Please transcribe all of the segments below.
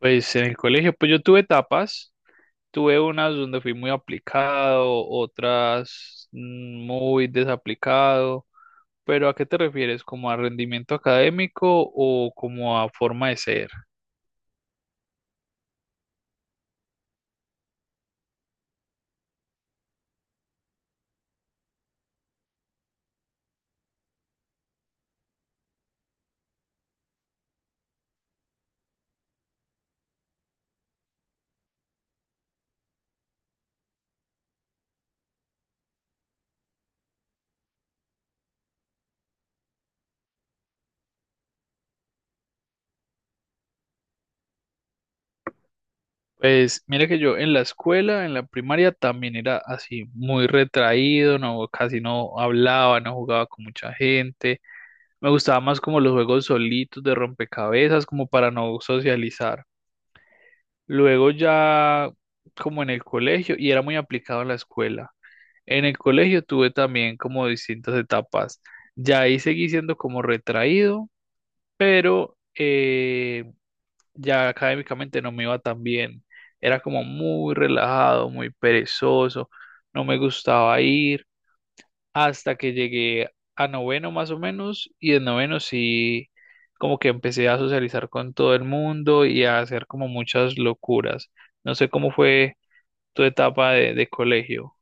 Pues en el colegio, pues yo tuve etapas, tuve unas donde fui muy aplicado, otras muy desaplicado, pero ¿a qué te refieres? ¿Como a rendimiento académico o como a forma de ser? Pues mira que yo en la escuela, en la primaria también era así, muy retraído, no, casi no hablaba, no jugaba con mucha gente, me gustaba más como los juegos solitos de rompecabezas, como para no socializar. Luego ya como en el colegio, y era muy aplicado en la escuela. En el colegio tuve también como distintas etapas. Ya ahí seguí siendo como retraído, pero ya académicamente no me iba tan bien. Era como muy relajado, muy perezoso, no me gustaba ir hasta que llegué a noveno más o menos y en noveno sí como que empecé a socializar con todo el mundo y a hacer como muchas locuras. No sé cómo fue tu etapa de colegio.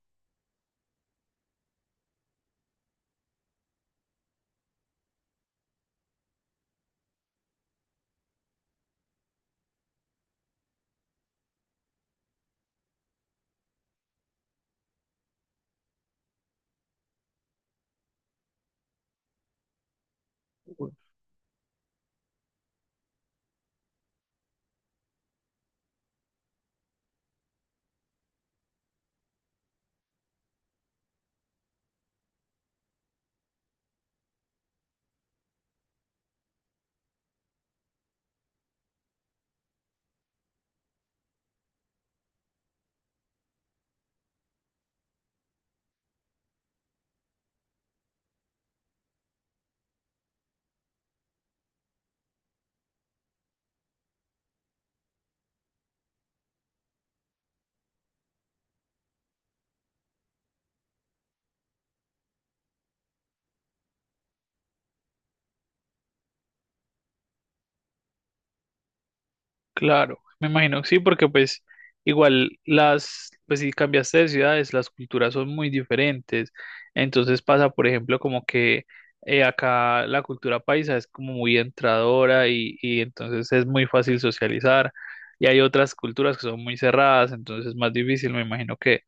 Claro, me imagino que sí, porque pues igual las, pues si cambiaste de ciudades, las culturas son muy diferentes. Entonces pasa, por ejemplo, como que acá la cultura paisa es como muy entradora y entonces es muy fácil socializar. Y hay otras culturas que son muy cerradas, entonces es más difícil. Me imagino que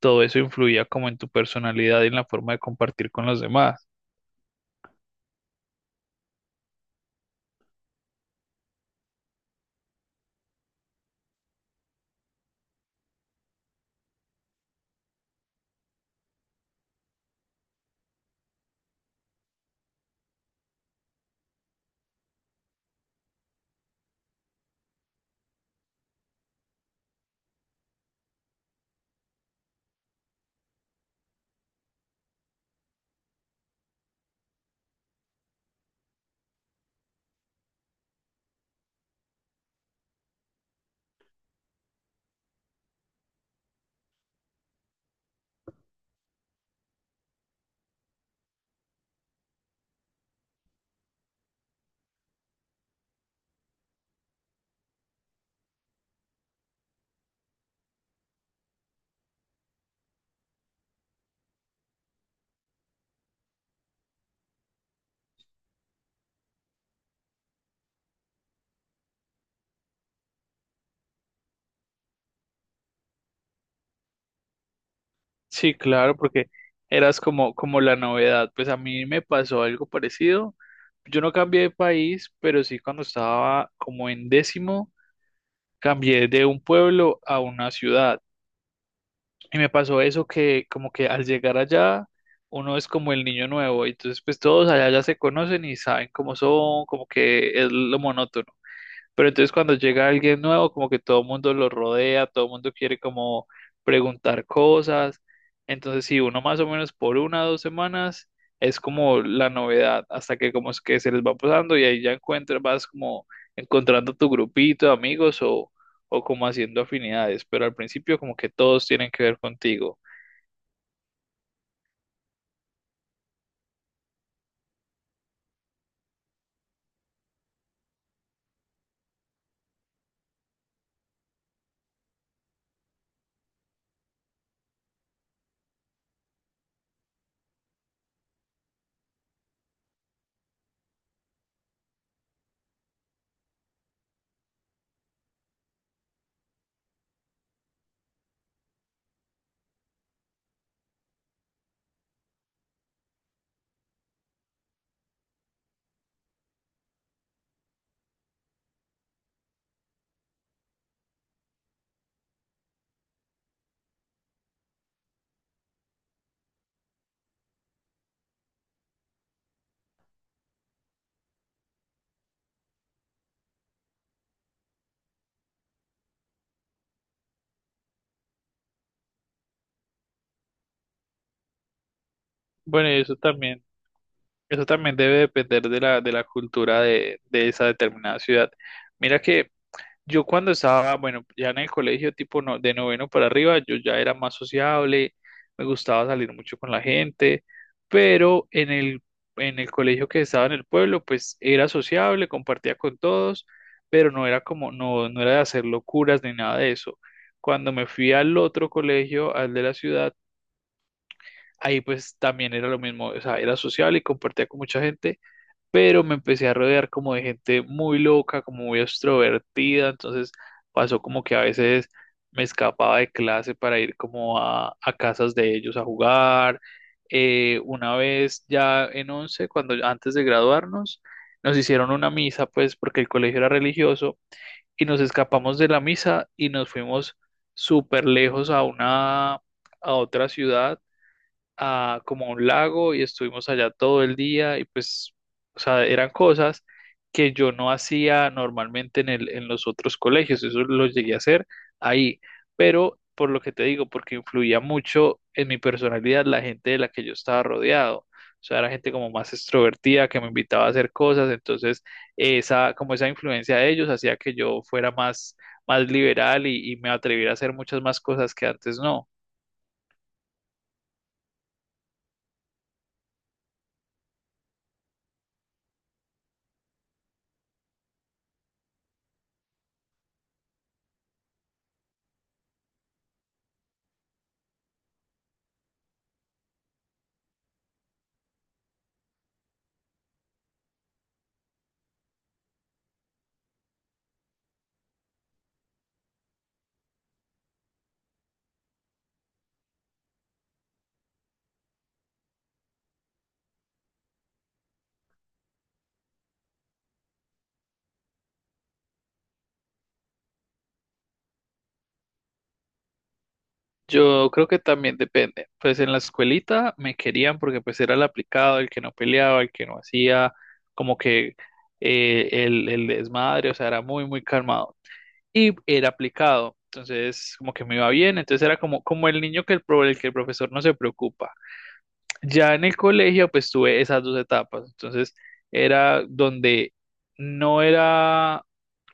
todo eso influía como en tu personalidad y en la forma de compartir con los demás. Sí, claro, porque eras como, como la novedad. Pues a mí me pasó algo parecido. Yo no cambié de país, pero sí cuando estaba como en décimo, cambié de un pueblo a una ciudad. Y me pasó eso que como que al llegar allá, uno es como el niño nuevo. Y entonces pues todos allá ya se conocen y saben cómo son, como que es lo monótono. Pero entonces cuando llega alguien nuevo, como que todo el mundo lo rodea, todo el mundo quiere como preguntar cosas. Entonces, si uno más o menos por una o dos semanas es como la novedad, hasta que como es que se les va pasando y ahí ya encuentras, vas como encontrando tu grupito de amigos o como haciendo afinidades. Pero al principio como que todos tienen que ver contigo. Bueno, y eso también debe depender de la cultura de esa determinada ciudad. Mira que yo cuando estaba, bueno, ya en el colegio tipo no- de noveno para arriba, yo ya era más sociable, me gustaba salir mucho con la gente, pero en en el colegio que estaba en el pueblo, pues era sociable, compartía con todos, pero no era como, no, no era de hacer locuras ni nada de eso. Cuando me fui al otro colegio, al de la ciudad, ahí pues también era lo mismo, o sea, era sociable y compartía con mucha gente, pero me empecé a rodear como de gente muy loca, como muy extrovertida, entonces pasó como que a veces me escapaba de clase para ir como a casas de ellos a jugar. Una vez ya en once, cuando antes de graduarnos, nos hicieron una misa, pues porque el colegio era religioso, y nos escapamos de la misa y nos fuimos súper lejos a una, a otra ciudad a como a un lago y estuvimos allá todo el día y pues, o sea, eran cosas que yo no hacía normalmente en en los otros colegios, eso lo llegué a hacer ahí, pero por lo que te digo, porque influía mucho en mi personalidad la gente de la que yo estaba rodeado. O sea, era gente como más extrovertida que me invitaba a hacer cosas, entonces esa, como esa influencia de ellos hacía que yo fuera más liberal y me atreviera a hacer muchas más cosas que antes no. Yo creo que también depende. Pues en la escuelita me querían porque pues era el aplicado, el que no peleaba, el que no hacía como que el desmadre, o sea, era muy, muy calmado. Y era aplicado, entonces como que me iba bien, entonces era como, como el niño que el, pro- el que el profesor no se preocupa. Ya en el colegio pues tuve esas dos etapas, entonces era donde no era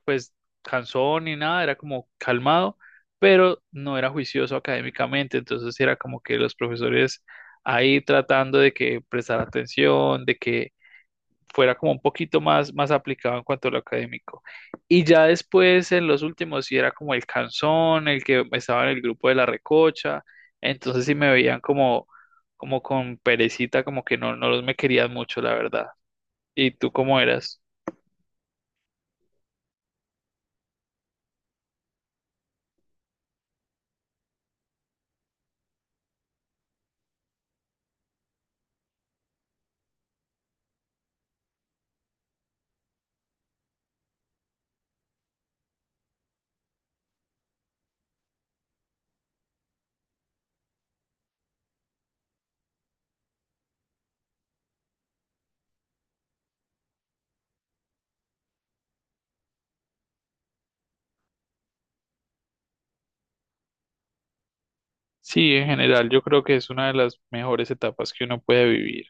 pues cansón ni nada, era como calmado, pero no era juicioso académicamente, entonces era como que los profesores ahí tratando de que prestara atención, de que fuera como un poquito más aplicado en cuanto a lo académico. Y ya después, en los últimos, sí era como el canzón, el que estaba en el grupo de la recocha, entonces sí me veían como, como con perecita, como que no, no los me querían mucho, la verdad. ¿Y tú cómo eras? Sí, en general, yo creo que es una de las mejores etapas que uno puede vivir.